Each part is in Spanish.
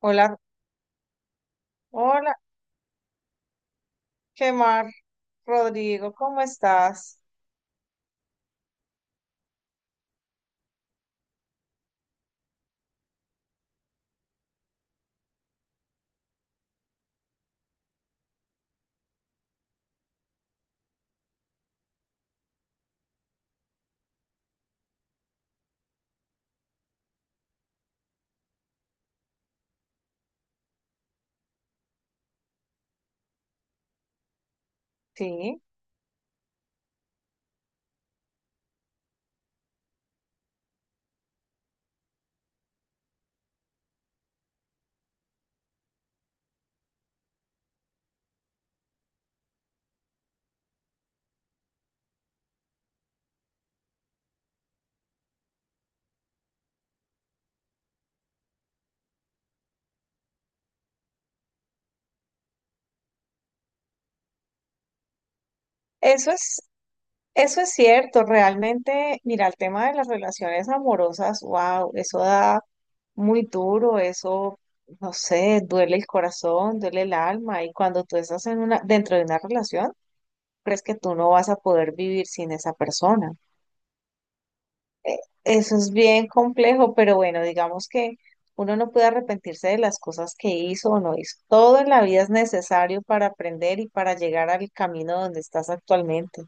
Hola, hola, qué mar, Rodrigo, ¿cómo estás? Sí, eso es, eso es cierto, realmente, mira, el tema de las relaciones amorosas, wow, eso da muy duro, eso, no sé, duele el corazón, duele el alma, y cuando tú estás en una, dentro de una relación, crees que tú no vas a poder vivir sin esa persona. eh, Eso es bien complejo, pero bueno, digamos que uno no puede arrepentirse de las cosas que hizo o no hizo. Todo en la vida es necesario para aprender y para llegar al camino donde estás actualmente.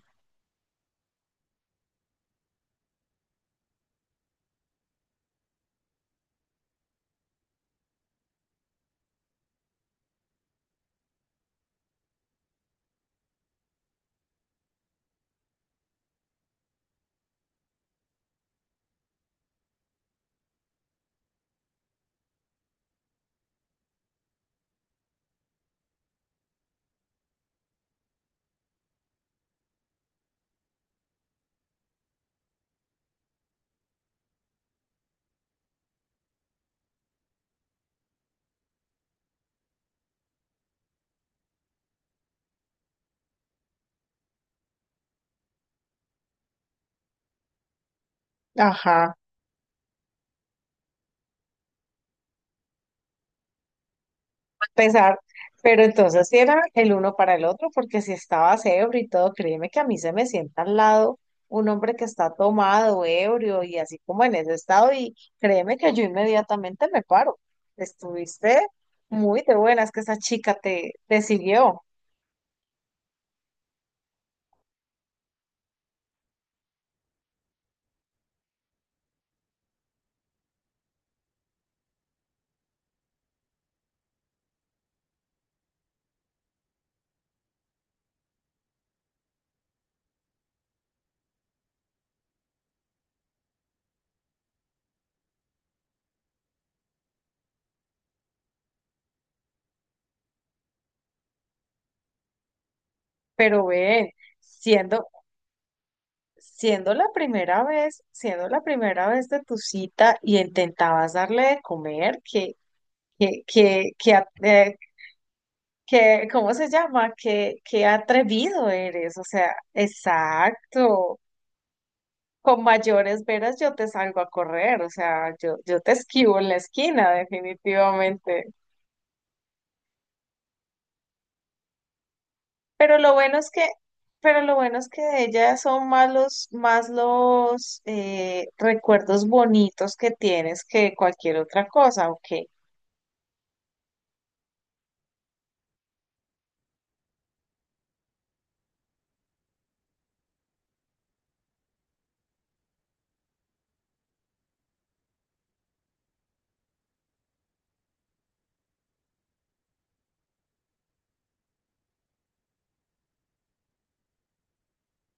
Ajá, pesar. Pero entonces sí era el uno para el otro, porque si estaba ebrio y todo, créeme que a mí se me sienta al lado un hombre que está tomado, ebrio y así como en ese estado, y créeme que yo inmediatamente me paro. Estuviste muy de buenas que esa chica te siguió. Pero ven, siendo, siendo la primera vez, siendo la primera vez de tu cita y intentabas darle de comer, que, que, que, a- eh, ¿cómo se llama? Que atrevido eres, o sea, exacto. Con mayores veras yo te salgo a correr, o sea, yo te esquivo en la esquina, definitivamente. Pero lo bueno es que, pero lo bueno es que de ella son más los recuerdos bonitos que tienes que cualquier otra cosa, ¿ok?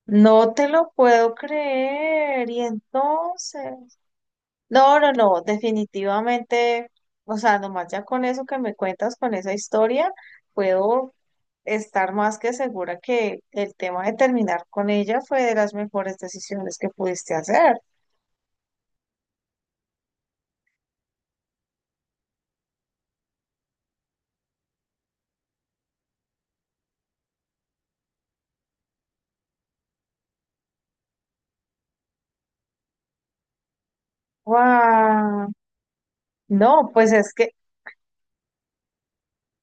No te lo puedo creer. Y entonces, no, no, no, definitivamente, o sea, nomás ya con eso que me cuentas, con esa historia, puedo estar más que segura que el tema de terminar con ella fue de las mejores decisiones que pudiste hacer. ¡Wow! No, pues es que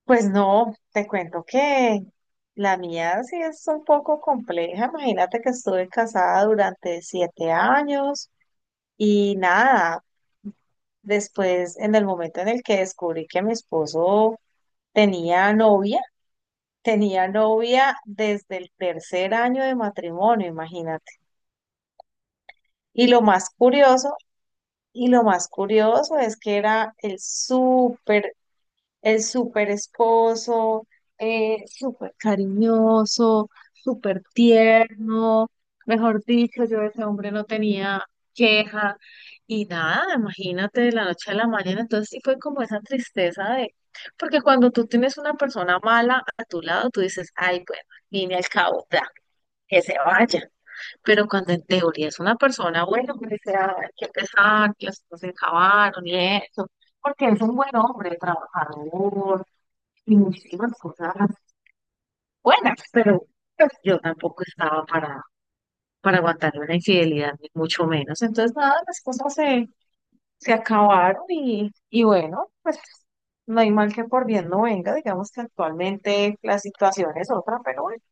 pues no, te cuento que la mía sí es un poco compleja. Imagínate que estuve casada durante 7 años y nada, después en el momento en el que descubrí que mi esposo tenía novia, tenía novia desde el tercer año de matrimonio, imagínate. Y lo más curioso, y lo más curioso es que era el súper. Es súper esposo, súper cariñoso, súper tierno. Mejor dicho, yo de ese hombre no tenía queja y nada, imagínate de la noche a la mañana. Entonces sí fue como esa tristeza de, porque cuando tú tienes una persona mala a tu lado, tú dices, ay, bueno, al fin y al cabo, ya, que se vaya. Pero cuando en teoría es una persona buena, pues dice, ay, qué pesar, que las cosas se acabaron y eso. Porque es un buen hombre, trabajador, y muchísimas cosas buenas, pero pues, yo tampoco estaba para aguantar una infidelidad, ni mucho menos. Entonces, nada, se acabaron y bueno, pues no hay mal que por bien no venga. Digamos que actualmente la situación es otra, pero bueno.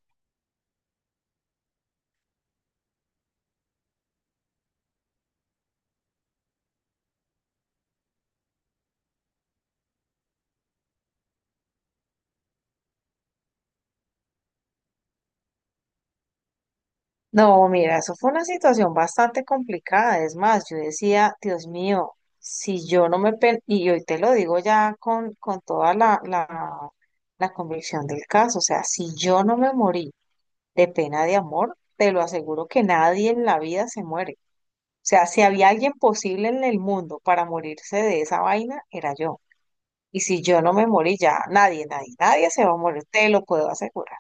No, mira, eso fue una situación bastante complicada. Es más, yo decía, Dios mío, si yo no me... pe- y hoy te lo digo ya con toda la la convicción del caso, o sea, si yo no me morí de pena de amor, te lo aseguro que nadie en la vida se muere. O sea, si había alguien posible en el mundo para morirse de esa vaina, era yo. Y si yo no me morí ya, nadie, nadie, nadie se va a morir, te lo puedo asegurar.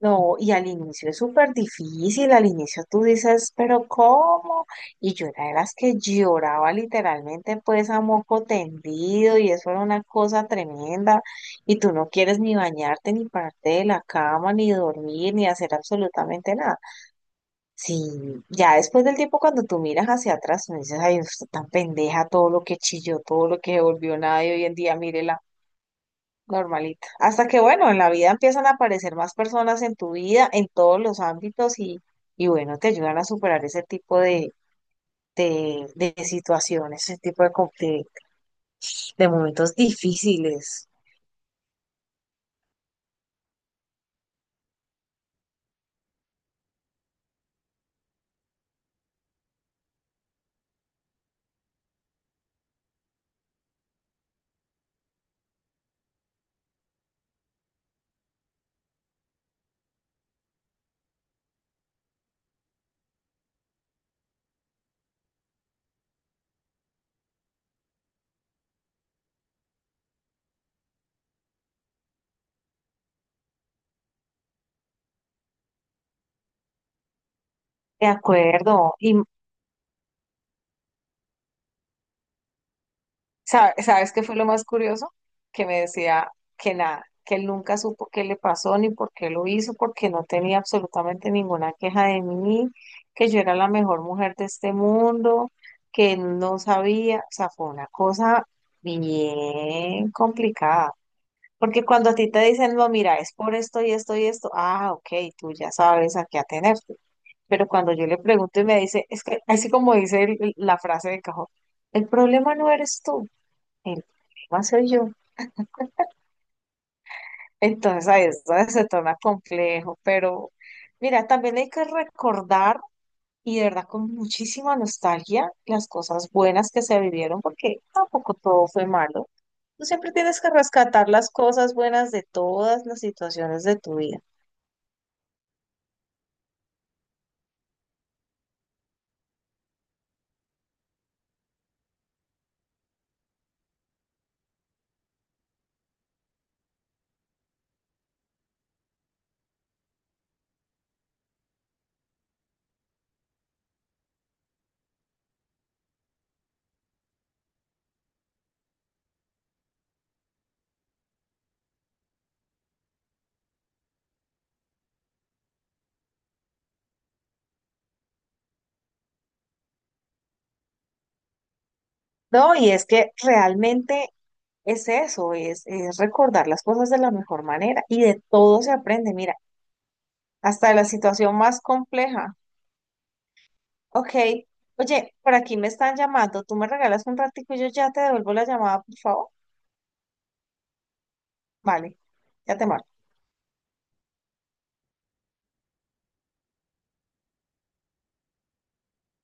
No, y al inicio es súper difícil, al inicio tú dices, pero ¿cómo? Y yo era de las que lloraba literalmente pues a moco tendido y eso era una cosa tremenda y tú no quieres ni bañarte, ni pararte de la cama, ni dormir, ni hacer absolutamente nada. Sí, ya después del tiempo cuando tú miras hacia atrás, me dices, ay, usted tan pendeja, todo lo que chilló, todo lo que se volvió nada y hoy en día mírela, normalita. Hasta que bueno, en la vida empiezan a aparecer más personas en tu vida, en todos los ámbitos y bueno, te ayudan a superar ese tipo de, de, de situaciones, ese tipo de, con- de momentos difíciles. De acuerdo. Y ¿sabes qué fue lo más curioso? Que me decía que nada, que él nunca supo qué le pasó ni por qué lo hizo, porque no tenía absolutamente ninguna queja de mí, que yo era la mejor mujer de este mundo, que él no sabía, o sea, fue una cosa bien complicada. Porque cuando a ti te dicen, no, mira, es por esto y esto y esto, ah, ok, tú ya sabes a qué atenerte. Pero cuando yo le pregunto y me dice, es que así como dice la frase de cajón, el problema no eres tú. El problema soy yo. Entonces ahí es donde se torna complejo, pero mira, también hay que recordar y de verdad con muchísima nostalgia las cosas buenas que se vivieron, porque tampoco todo fue malo. Tú siempre tienes que rescatar las cosas buenas de todas las situaciones de tu vida. No, y es que realmente es eso, es recordar las cosas de la mejor manera y de todo se aprende, mira, hasta de la situación más compleja. Ok. Oye, por aquí me están llamando. ¿Tú me regalas un ratico y yo ya te devuelvo la llamada, por favor? Vale, ya te marco.